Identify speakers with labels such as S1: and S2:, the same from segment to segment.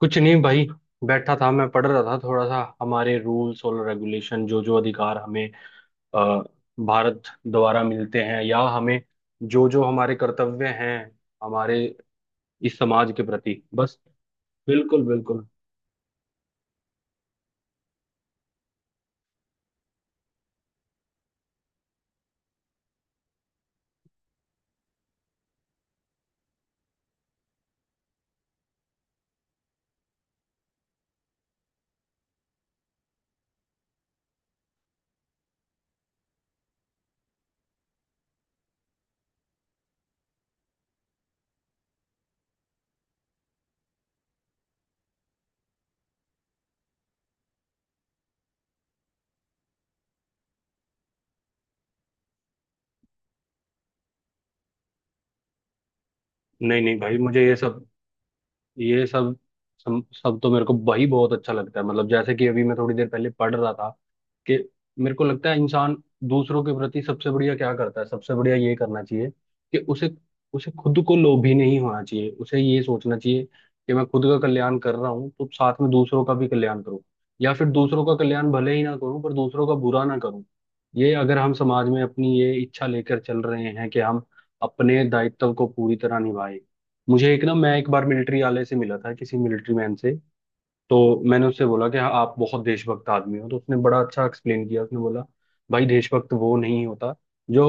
S1: कुछ नहीं भाई। बैठा था, मैं पढ़ रहा था थोड़ा सा हमारे रूल्स और रेगुलेशन, जो जो अधिकार हमें अ, भारत द्वारा मिलते हैं, या हमें जो जो हमारे कर्तव्य हैं हमारे इस समाज के प्रति। बस। बिल्कुल, बिल्कुल। नहीं, नहीं भाई, मुझे ये सब सब सब तो मेरे को वही बहुत अच्छा लगता है। मतलब जैसे कि अभी मैं थोड़ी देर पहले पढ़ रहा था कि मेरे को लगता है इंसान दूसरों के प्रति सबसे बढ़िया क्या करता है। सबसे बढ़िया ये करना चाहिए कि उसे उसे खुद को लोभी नहीं होना चाहिए। उसे ये सोचना चाहिए कि मैं खुद का कल्याण कर रहा हूँ तो साथ में दूसरों का भी कल्याण करूँ, या फिर दूसरों का कल्याण भले ही ना करूँ पर दूसरों का बुरा ना करूँ। ये अगर हम समाज में अपनी ये इच्छा लेकर चल रहे हैं कि हम अपने दायित्व को पूरी तरह निभाएं। मुझे एक ना मैं एक बार मिलिट्री वाले से मिला था, किसी मिलिट्री मैन से। तो मैंने उससे बोला कि हाँ आप बहुत देशभक्त आदमी हो। तो उसने बड़ा अच्छा एक्सप्लेन किया। उसने बोला भाई, देशभक्त वो नहीं होता जो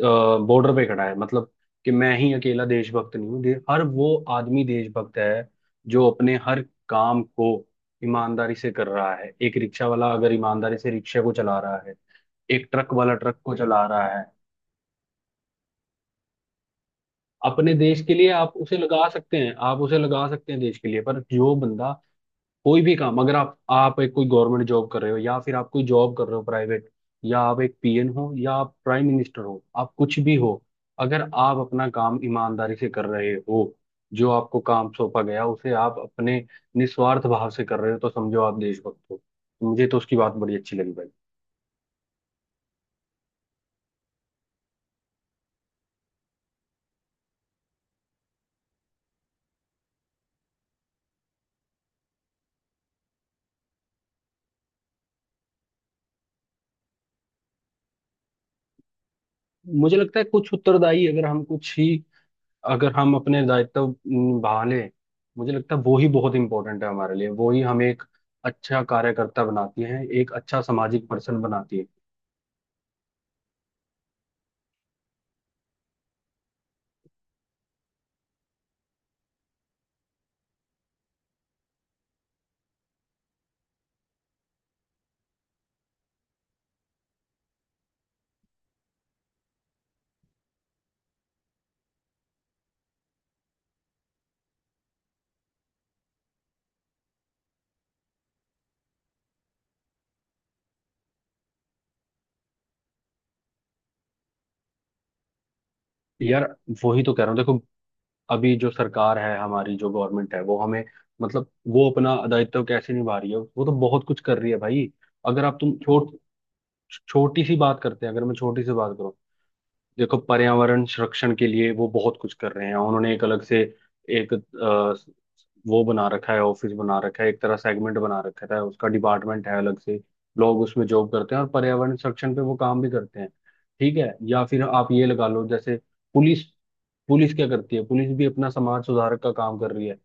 S1: बॉर्डर पे खड़ा है। मतलब कि मैं ही अकेला देशभक्त नहीं हूँ, हर वो आदमी देशभक्त है जो अपने हर काम को ईमानदारी से कर रहा है। एक रिक्शा वाला अगर ईमानदारी से रिक्शा को चला रहा है, एक ट्रक वाला ट्रक को चला रहा है अपने देश के लिए, आप उसे लगा सकते हैं। आप उसे लगा सकते हैं देश के लिए। पर जो बंदा कोई भी काम, अगर आप एक कोई गवर्नमेंट जॉब कर रहे हो या फिर आप कोई जॉब कर रहे हो प्राइवेट, या आप एक पीएन हो या आप प्राइम मिनिस्टर हो, आप कुछ भी हो, अगर आप अपना काम ईमानदारी से कर रहे हो, जो आपको काम सौंपा गया उसे आप अपने निस्वार्थ भाव से कर रहे हो तो समझो आप देशभक्त हो। मुझे तो उसकी बात बड़ी अच्छी लगी भाई। मुझे लगता है कुछ उत्तरदायी, अगर हम अपने दायित्व निभा लें, मुझे लगता है वो ही बहुत इंपॉर्टेंट है हमारे लिए। वो ही हमें एक अच्छा कार्यकर्ता बनाती है, एक अच्छा सामाजिक पर्सन बनाती है। यार वो ही तो कह रहा हूँ, देखो, अभी जो सरकार है, हमारी जो गवर्नमेंट है, वो हमें मतलब वो अपना दायित्व कैसे निभा रही है, वो तो बहुत कुछ कर रही है भाई। अगर आप तुम छोटी सी बात करते हैं, अगर मैं छोटी सी बात करूं, देखो पर्यावरण संरक्षण के लिए वो बहुत कुछ कर रहे हैं। उन्होंने एक अलग से एक वो बना रखा है, ऑफिस बना रखा है, एक तरह सेगमेंट बना रखा है, उसका डिपार्टमेंट है अलग से। लोग उसमें जॉब करते हैं और पर्यावरण संरक्षण पे वो काम भी करते हैं। ठीक है, या फिर आप ये लगा लो जैसे पुलिस। पुलिस क्या करती है, पुलिस भी अपना समाज सुधारक का काम कर रही है।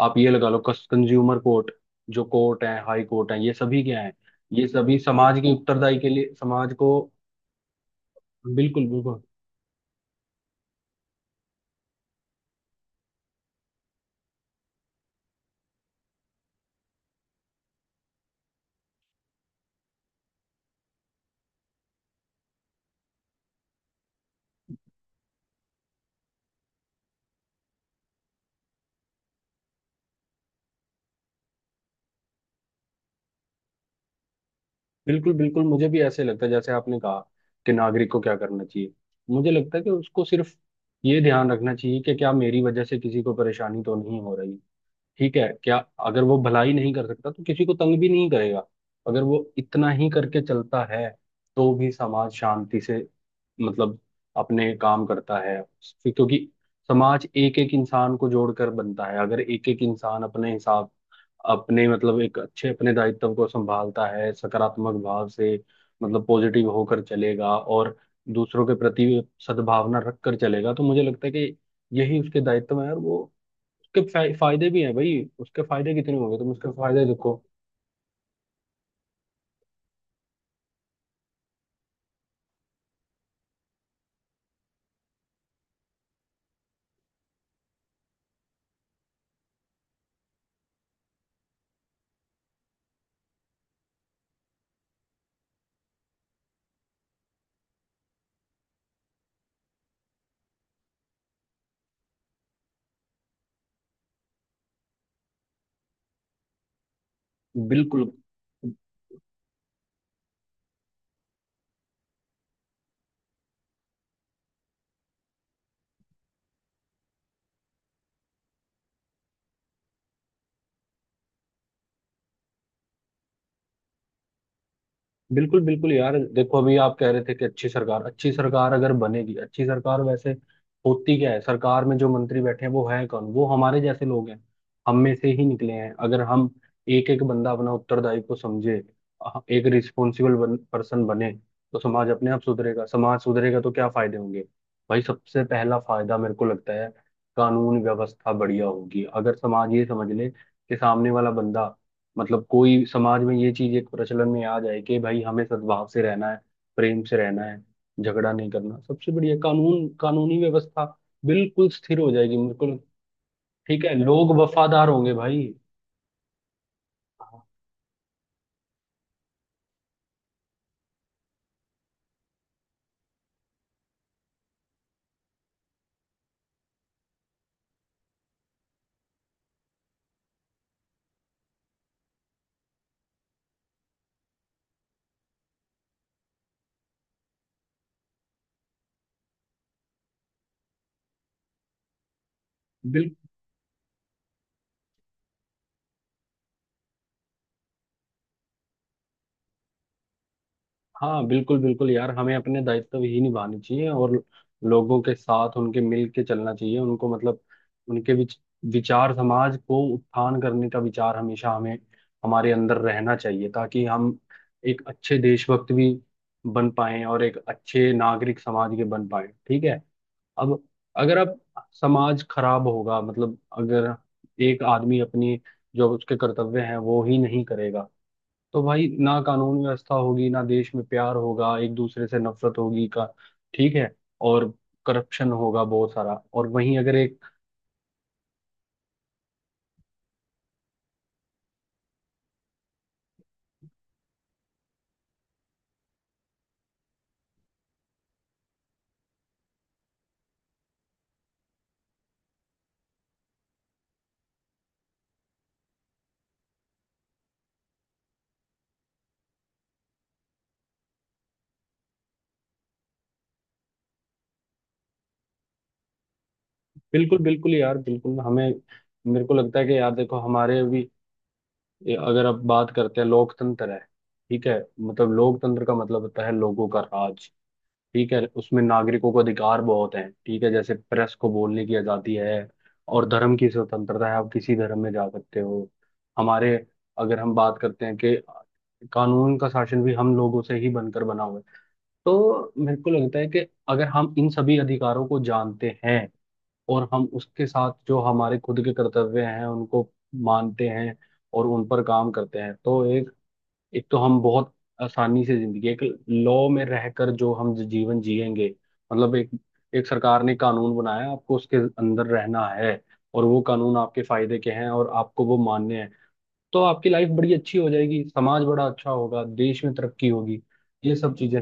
S1: आप ये लगा लो कंज्यूमर कोर्ट, जो कोर्ट है, हाई कोर्ट है, ये सभी क्या है? ये सभी समाज की उत्तरदायी के लिए समाज को। बिल्कुल, बिल्कुल। बिल्कुल, बिल्कुल, मुझे भी ऐसे लगता है जैसे आपने कहा कि नागरिक को क्या करना चाहिए। मुझे लगता है कि उसको सिर्फ ये ध्यान रखना चाहिए कि क्या मेरी वजह से किसी को परेशानी तो नहीं हो रही। ठीक है क्या? अगर वो भलाई नहीं कर सकता तो किसी को तंग भी नहीं करेगा। अगर वो इतना ही करके चलता है तो भी समाज शांति से, मतलब, अपने काम करता है। फिर क्योंकि समाज एक एक इंसान को जोड़कर बनता है, अगर एक एक इंसान अपने हिसाब, अपने मतलब एक अच्छे अपने दायित्व को संभालता है सकारात्मक भाव से, मतलब पॉजिटिव होकर चलेगा और दूसरों के प्रति सद्भावना रख कर चलेगा, तो मुझे लगता है कि यही उसके दायित्व है। और वो उसके फायदे भी हैं भाई। उसके फायदे कितने होंगे, तुम उसके फायदे देखो। बिल्कुल, बिल्कुल, बिल्कुल। यार देखो, अभी आप कह रहे थे कि अच्छी सरकार, अच्छी सरकार अगर बनेगी, अच्छी सरकार वैसे होती क्या है? सरकार में जो मंत्री बैठे हैं, वो हैं कौन? वो हमारे जैसे लोग हैं, हम में से ही निकले हैं। अगर हम एक एक बंदा अपना उत्तरदायी को समझे, एक रिस्पॉन्सिबल पर्सन बने, तो समाज अपने आप सुधरेगा। समाज सुधरेगा तो क्या फायदे होंगे? भाई सबसे पहला फायदा मेरे को लगता है कानून व्यवस्था बढ़िया होगी। अगर समाज ये समझ ले कि सामने वाला बंदा, मतलब, कोई समाज में ये चीज एक प्रचलन में आ जाए कि भाई हमें सद्भाव से रहना है, प्रेम से रहना है, झगड़ा नहीं करना, सबसे बढ़िया कानूनी व्यवस्था बिल्कुल स्थिर हो जाएगी, बिल्कुल। ठीक है, लोग वफादार होंगे भाई। हाँ, हाँ। बिल्कुल, बिल्कुल यार, हमें अपने दायित्व ही निभाने चाहिए और लोगों के साथ उनके मिल के चलना चाहिए। उनको मतलब उनके विचार, समाज को उत्थान करने का विचार हमेशा हमें हमारे अंदर रहना चाहिए ताकि हम एक अच्छे देशभक्त भी बन पाए और एक अच्छे नागरिक समाज के बन पाए। ठीक है। अब, अगर अब समाज खराब होगा मतलब अगर एक आदमी अपनी, जो उसके कर्तव्य हैं वो ही नहीं करेगा, तो भाई ना कानून व्यवस्था होगी, ना देश में प्यार होगा, एक दूसरे से नफरत होगी का। ठीक है, और करप्शन होगा बहुत सारा। और वहीं अगर एक बिल्कुल, बिल्कुल यार, बिल्कुल। हमें मेरे को लगता है कि यार देखो हमारे अभी, अगर आप बात करते हैं, लोकतंत्र है, ठीक है, मतलब लोकतंत्र का मतलब होता है लोगों का राज। ठीक है, उसमें नागरिकों को अधिकार बहुत हैं। ठीक है, जैसे प्रेस को बोलने की आजादी है और धर्म की स्वतंत्रता है, आप किसी धर्म में जा सकते हो। हमारे अगर हम बात करते हैं कि कानून का शासन भी हम लोगों से ही बनकर बना हुआ है, तो मेरे को लगता है कि अगर हम इन सभी अधिकारों को जानते हैं और हम उसके साथ जो हमारे खुद के कर्तव्य हैं उनको मानते हैं और उन पर काम करते हैं तो एक, एक तो हम बहुत आसानी से जिंदगी एक लॉ में रहकर जो हम जीवन जिएंगे, मतलब एक एक सरकार ने कानून बनाया, आपको उसके अंदर रहना है और वो कानून आपके फायदे के हैं और आपको वो मान्य है, तो आपकी लाइफ बड़ी अच्छी हो जाएगी, समाज बड़ा अच्छा होगा, देश में तरक्की होगी। ये सब चीजें।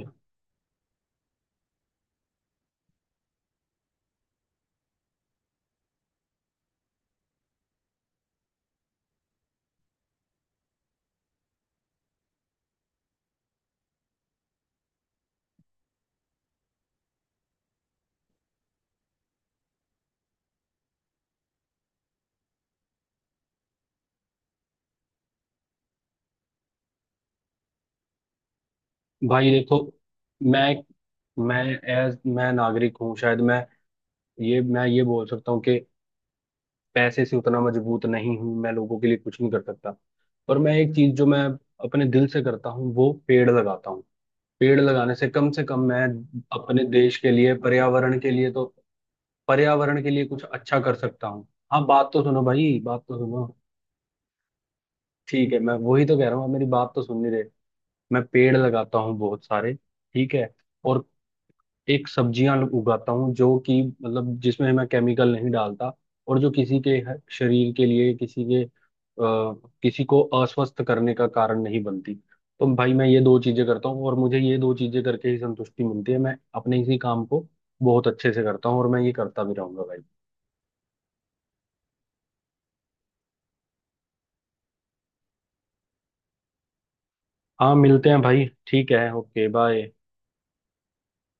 S1: भाई देखो, मैं मैं एज मैं नागरिक हूँ शायद। मैं ये बोल सकता हूँ कि पैसे से उतना मजबूत नहीं हूं, मैं लोगों के लिए कुछ नहीं कर सकता। पर मैं एक चीज जो मैं अपने दिल से करता हूँ वो पेड़ लगाता हूँ। पेड़ लगाने से कम मैं अपने देश के लिए, पर्यावरण के लिए तो पर्यावरण के लिए कुछ अच्छा कर सकता हूँ। हाँ, बात तो सुनो भाई, बात तो सुनो। ठीक है, मैं वही तो कह रहा हूँ, आप मेरी बात तो सुन नहीं रहे। मैं पेड़ लगाता हूँ बहुत सारे। ठीक है, और एक सब्जियां उगाता हूँ जो कि, मतलब, जिसमें मैं केमिकल नहीं डालता, और जो किसी के शरीर के लिए, किसी के किसी को अस्वस्थ करने का कारण नहीं बनती। तो भाई मैं ये दो चीजें करता हूँ और मुझे ये दो चीजें करके ही संतुष्टि मिलती है। मैं अपने इसी काम को बहुत अच्छे से करता हूँ और मैं ये करता भी रहूंगा भाई। हाँ, मिलते हैं भाई। ठीक है, ओके, बाय।